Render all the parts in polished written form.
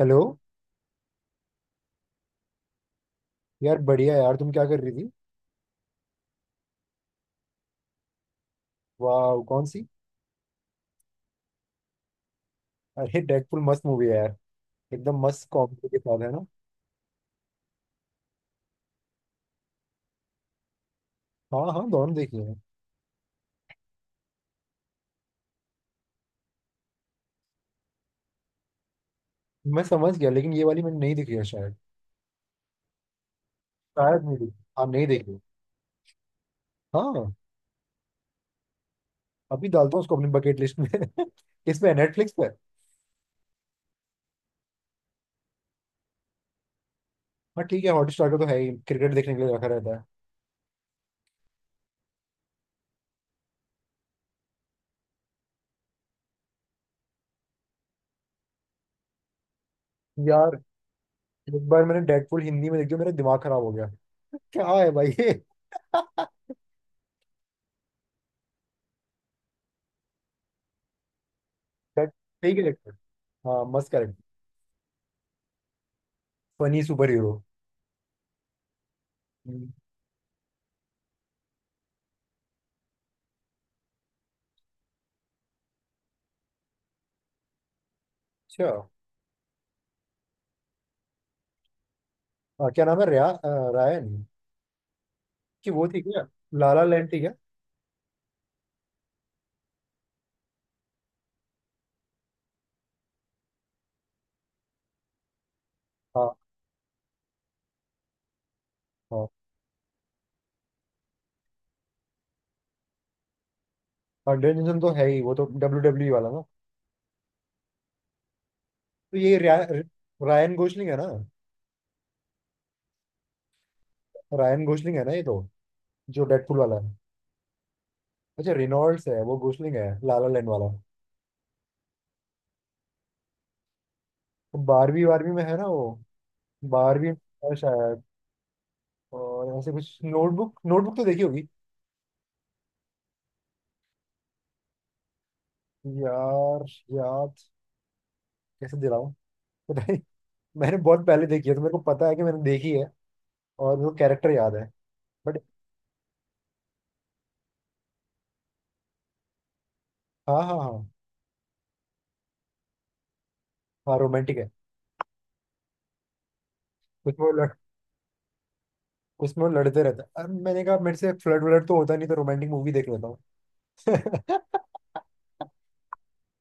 Hello. यार बढ़िया। यार, तुम क्या कर रही थी? वाह! कौन सी? अरे डेडपुल मस्त मूवी है यार। एकदम मस्त कॉमेडी के साथ है ना। हाँ हाँ, दोनों देखी है। मैं समझ गया, लेकिन ये वाली मैंने नहीं देखी है शायद। शायद नहीं देखी। हाँ, नहीं देखी। हाँ। अभी डालता हूँ उसको अपनी बकेट लिस्ट में। इस पे नेटफ्लिक्स पर। हाँ ठीक है। हॉटस्टार का तो है ही, क्रिकेट देखने के लिए रखा रहता है। यार, एक बार मैंने डेडपुल हिंदी में देखी, मेरा दिमाग खराब हो गया। क्या है भाई ये? ठीक है। हाँ, मस्त, करेक्ट। Funny super hero. अच्छा। हाँ, क्या नाम है रायन? कि वो थी क्या? लाला लैंड थी क्या? हाँ हाँ हाँ। डेनिसन तो है ही, वो तो डब्ल्यू डब्ल्यू वाला ना। तो ये रायन गोसलिंग है ना? रायन गोसलिंग है ना ये तो? जो डेडपुल वाला है। अच्छा, रिनॉल्ड्स है वो। गोसलिंग है लाला लैंड वाला। तो बारहवीं बारहवीं में है ना वो? बारहवीं में शायद। और ऐसे कुछ, नोटबुक नोटबुक तो देखी होगी। यार, याद कैसे दिलाऊं? पता नहीं। मैंने बहुत पहले देखी है, तो मेरे को पता है कि मैंने देखी है। और वो कैरेक्टर याद है। बट हाँ हाँ हाँ। हाँ, रोमांटिक है। कुछ वो लड़ कुछ वो लड़ते रहते हैं। अब मैंने कहा, मेरे से फ्लर्ट व्लर्ट तो होता नहीं, तो रोमांटिक मूवी देख लेता हूँ।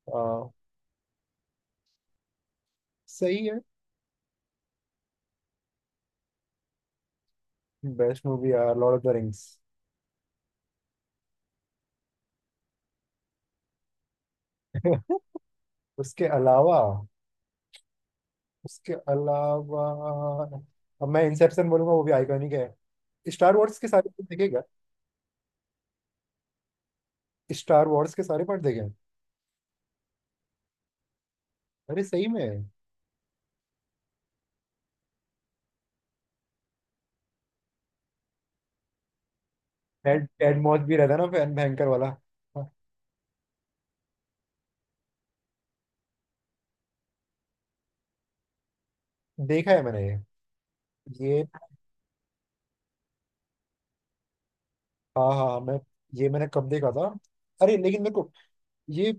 हाँ, सही है। बेस्ट मूवी यार, लॉर्ड ऑफ द रिंग्स। उसके अलावा। उसके अलावा, अब मैं इंसेप्शन बोलूंगा, वो भी आइकॉनिक है। स्टार वॉर्स के सारे पार्ट देखेगा। स्टार वॉर्स के सारे पार्ट देखे हैं। अरे, सही में? टेड टेड मॉस भी रहता है ना, फैन भयंकर वाला। हाँ, देखा है मैंने ये। ये। हाँ हाँ, मैंने कब देखा था? अरे, लेकिन मेरे को ये।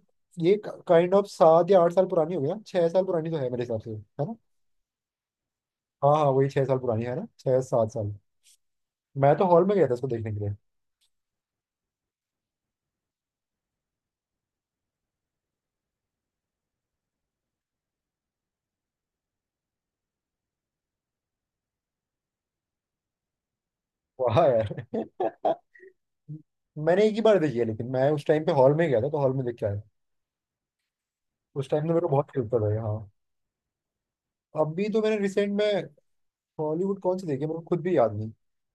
ये काइंड ऑफ 7 या 8 साल पुरानी हो गया, 6 साल पुरानी तो है मेरे हिसाब से, है ना? हाँ हाँ, वही 6 साल पुरानी है ना? 6-7 साल। मैं तो हॉल में गया था इसको देखने के लिए। वाह यार! मैंने एक ही बार देखी है, लेकिन मैं उस टाइम पे हॉल में गया था तो हॉल में देख के आया। उस टाइम तो मेरे को बहुत फील कर रहा है। हाँ। अभी तो मैंने रिसेंट में हॉलीवुड कौन सी देखी है, मेरे को खुद भी याद नहीं।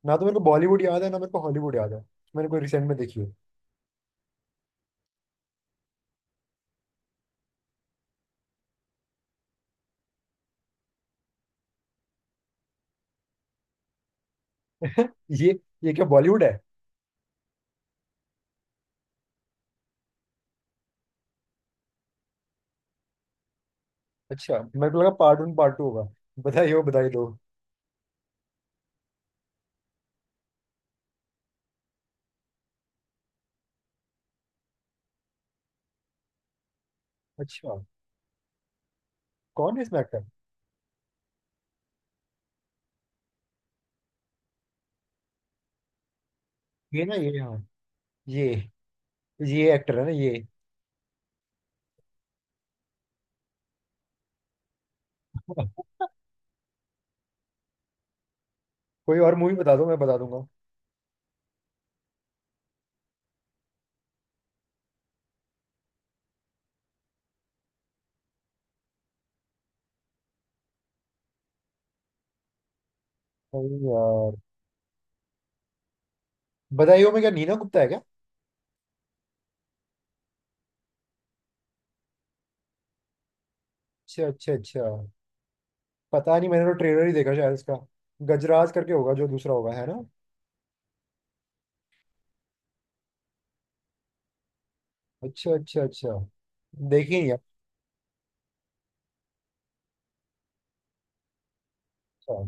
ना तो मेरे को बॉलीवुड याद है, ना मेरे को हॉलीवुड याद है। मैंने कोई रिसेंट में देखी है। ये। क्या बॉलीवुड है? अच्छा, मेरे को लगा पार्ट वन पार्ट टू होगा, बधाई हो बधाई दो। अच्छा, कौन है इसमें एक्टर? ये ना? ये, हाँ। ये ये एक्टर है ना, ये? कोई और मूवी बता दो, मैं बता दूंगा। अरे यार, बधाइयों में क्या नीना गुप्ता है क्या? अच्छा अच्छा अच्छा। पता नहीं, मैंने तो ट्रेलर ही देखा शायद इसका। गजराज करके होगा जो दूसरा होगा, है ना? अच्छा अच्छा अच्छा। देखिए यार। अच्छा,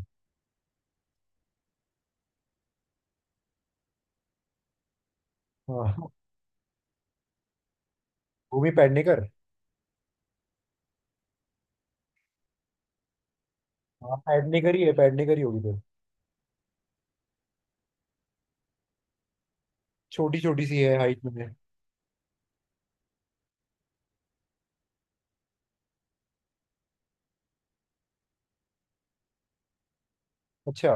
हाँ, भूमि पेडनेकर। हाँ, पेडनेकर ही है, पेडनेकर ही होगी फिर। छोटी छोटी सी है हाइट में। अच्छा।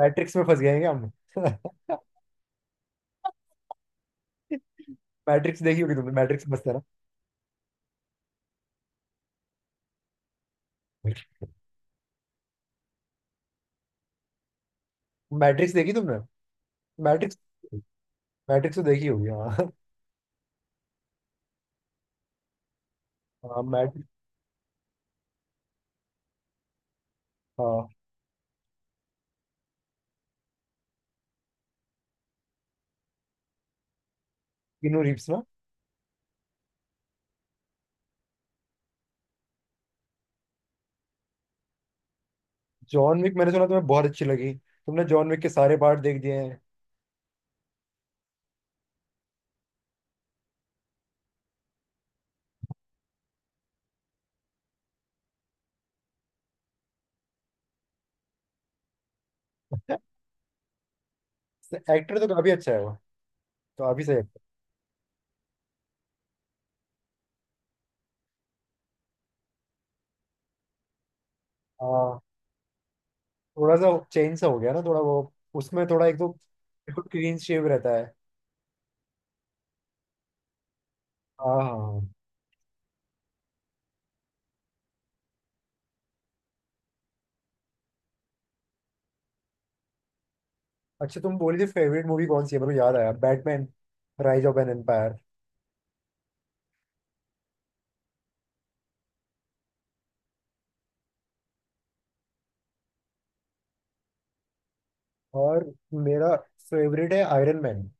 मैट्रिक्स में फंस गए हैं क्या हम? मैट्रिक्स देखी होगी तुमने। मैट्रिक्स मस्त है ना? मैट्रिक्स देखी तुमने? मैट्रिक्स मैट्रिक्स तो देखी होगी हाँ। हाँ, मैट्रिक्स। हाँ। किनू रिप्स ना? John Wick. मैंने सुना तुम्हें बहुत अच्छी लगी, तुमने जॉन विक के सारे पार्ट देख दिए हैं। एक्टर तो काफी अच्छा है वो। तो काफी सही एक्टर। हाँ, थोड़ा सा चेंज सा हो गया ना थोड़ा, वो। उसमें थोड़ा, एक तो बिल्कुल क्लीन शेव रहता है। हाँ हाँ हाँ। अच्छा, तुम बोली थी फेवरेट मूवी कौन सी है, मेरे को याद आया। Batman rise of an empire. और मेरा फेवरेट है आयरन मैन।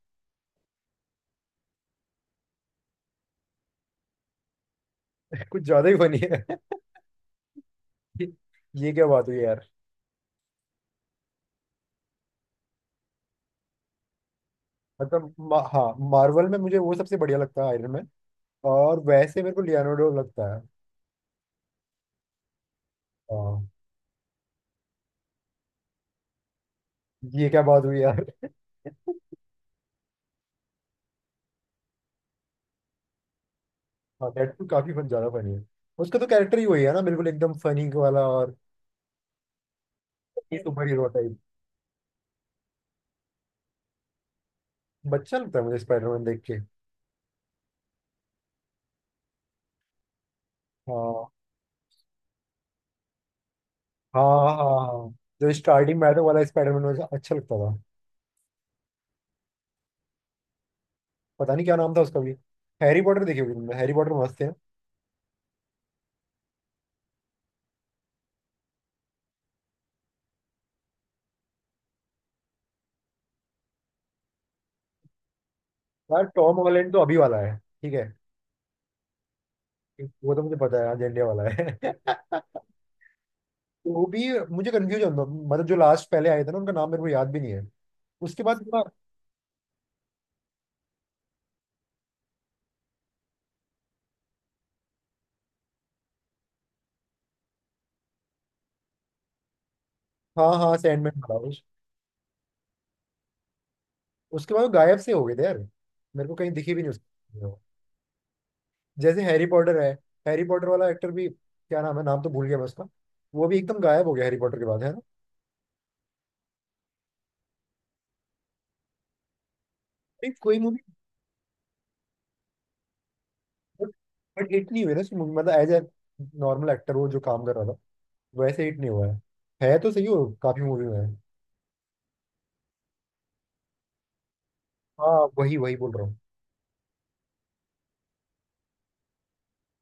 कुछ ज्यादा ही फनी है। ये क्या बात हुई यार? मतलब हाँ, मार्वल में मुझे वो सबसे बढ़िया लगता है, आयरन मैन। और वैसे मेरे को लियोनार्डो लगता है। हाँ। ये क्या बात हुई यार? हाँ, डेडपूल काफी फन, ज्यादा फनी है। उसका तो कैरेक्टर ही वही है ना, बिल्कुल एकदम फनी वाला। और सुपर हीरो टाइप। बच्चा लगता है मुझे स्पाइडरमैन देख के। हाँ हाँ हाँ हाँ, जो स्टार्टिंग में आया था वाला स्पाइडरमैन मुझे अच्छा लगता था। पता नहीं क्या नाम था उसका भी। हैरी पॉटर देखी होगी तुमने। हैरी पॉटर मस्त है। यार, टॉम हॉलैंड तो अभी वाला है, ठीक है। वो तो मुझे पता है, अजेंडे वाला है। वो भी मुझे कंफ्यूज होता, मतलब जो लास्ट पहले आए थे ना, उनका नाम मेरे को याद भी नहीं है। उसके बाद हाँ हाँ, सैंडमैन था। उसके बाद वो गायब से हो गए थे यार। मेरे को कहीं दिखी भी नहीं उसकी। जैसे हैरी पॉटर है, हैरी पॉटर वाला एक्टर भी क्या नाम है? नाम तो भूल गया मैं उसका। वो भी एकदम गायब हो गया हैरी पॉटर के बाद, है ना? नहीं, कोई मूवी। बट हिट नहीं हुई ना मूवी, मतलब एज ए नॉर्मल एक्टर वो जो काम कर रहा था, वैसे हिट नहीं हुआ है। है तो सही, हो काफी मूवी में है। हाँ, वही वही बोल रहा हूँ।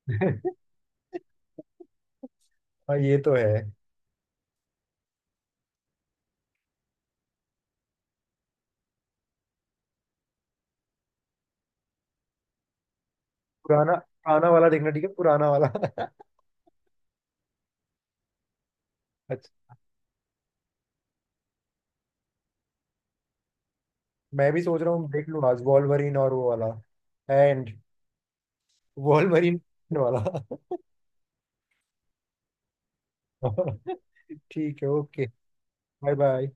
हाँ, ये तो है। पुराना। पुराना वाला देखना ठीक है, पुराना वाला। अच्छा, मैं भी सोच रहा हूँ देख लूँ आज वॉल्वरिन और वो वाला। एंड वॉल्वरिन वाला। ठीक है। ओके। Bye bye.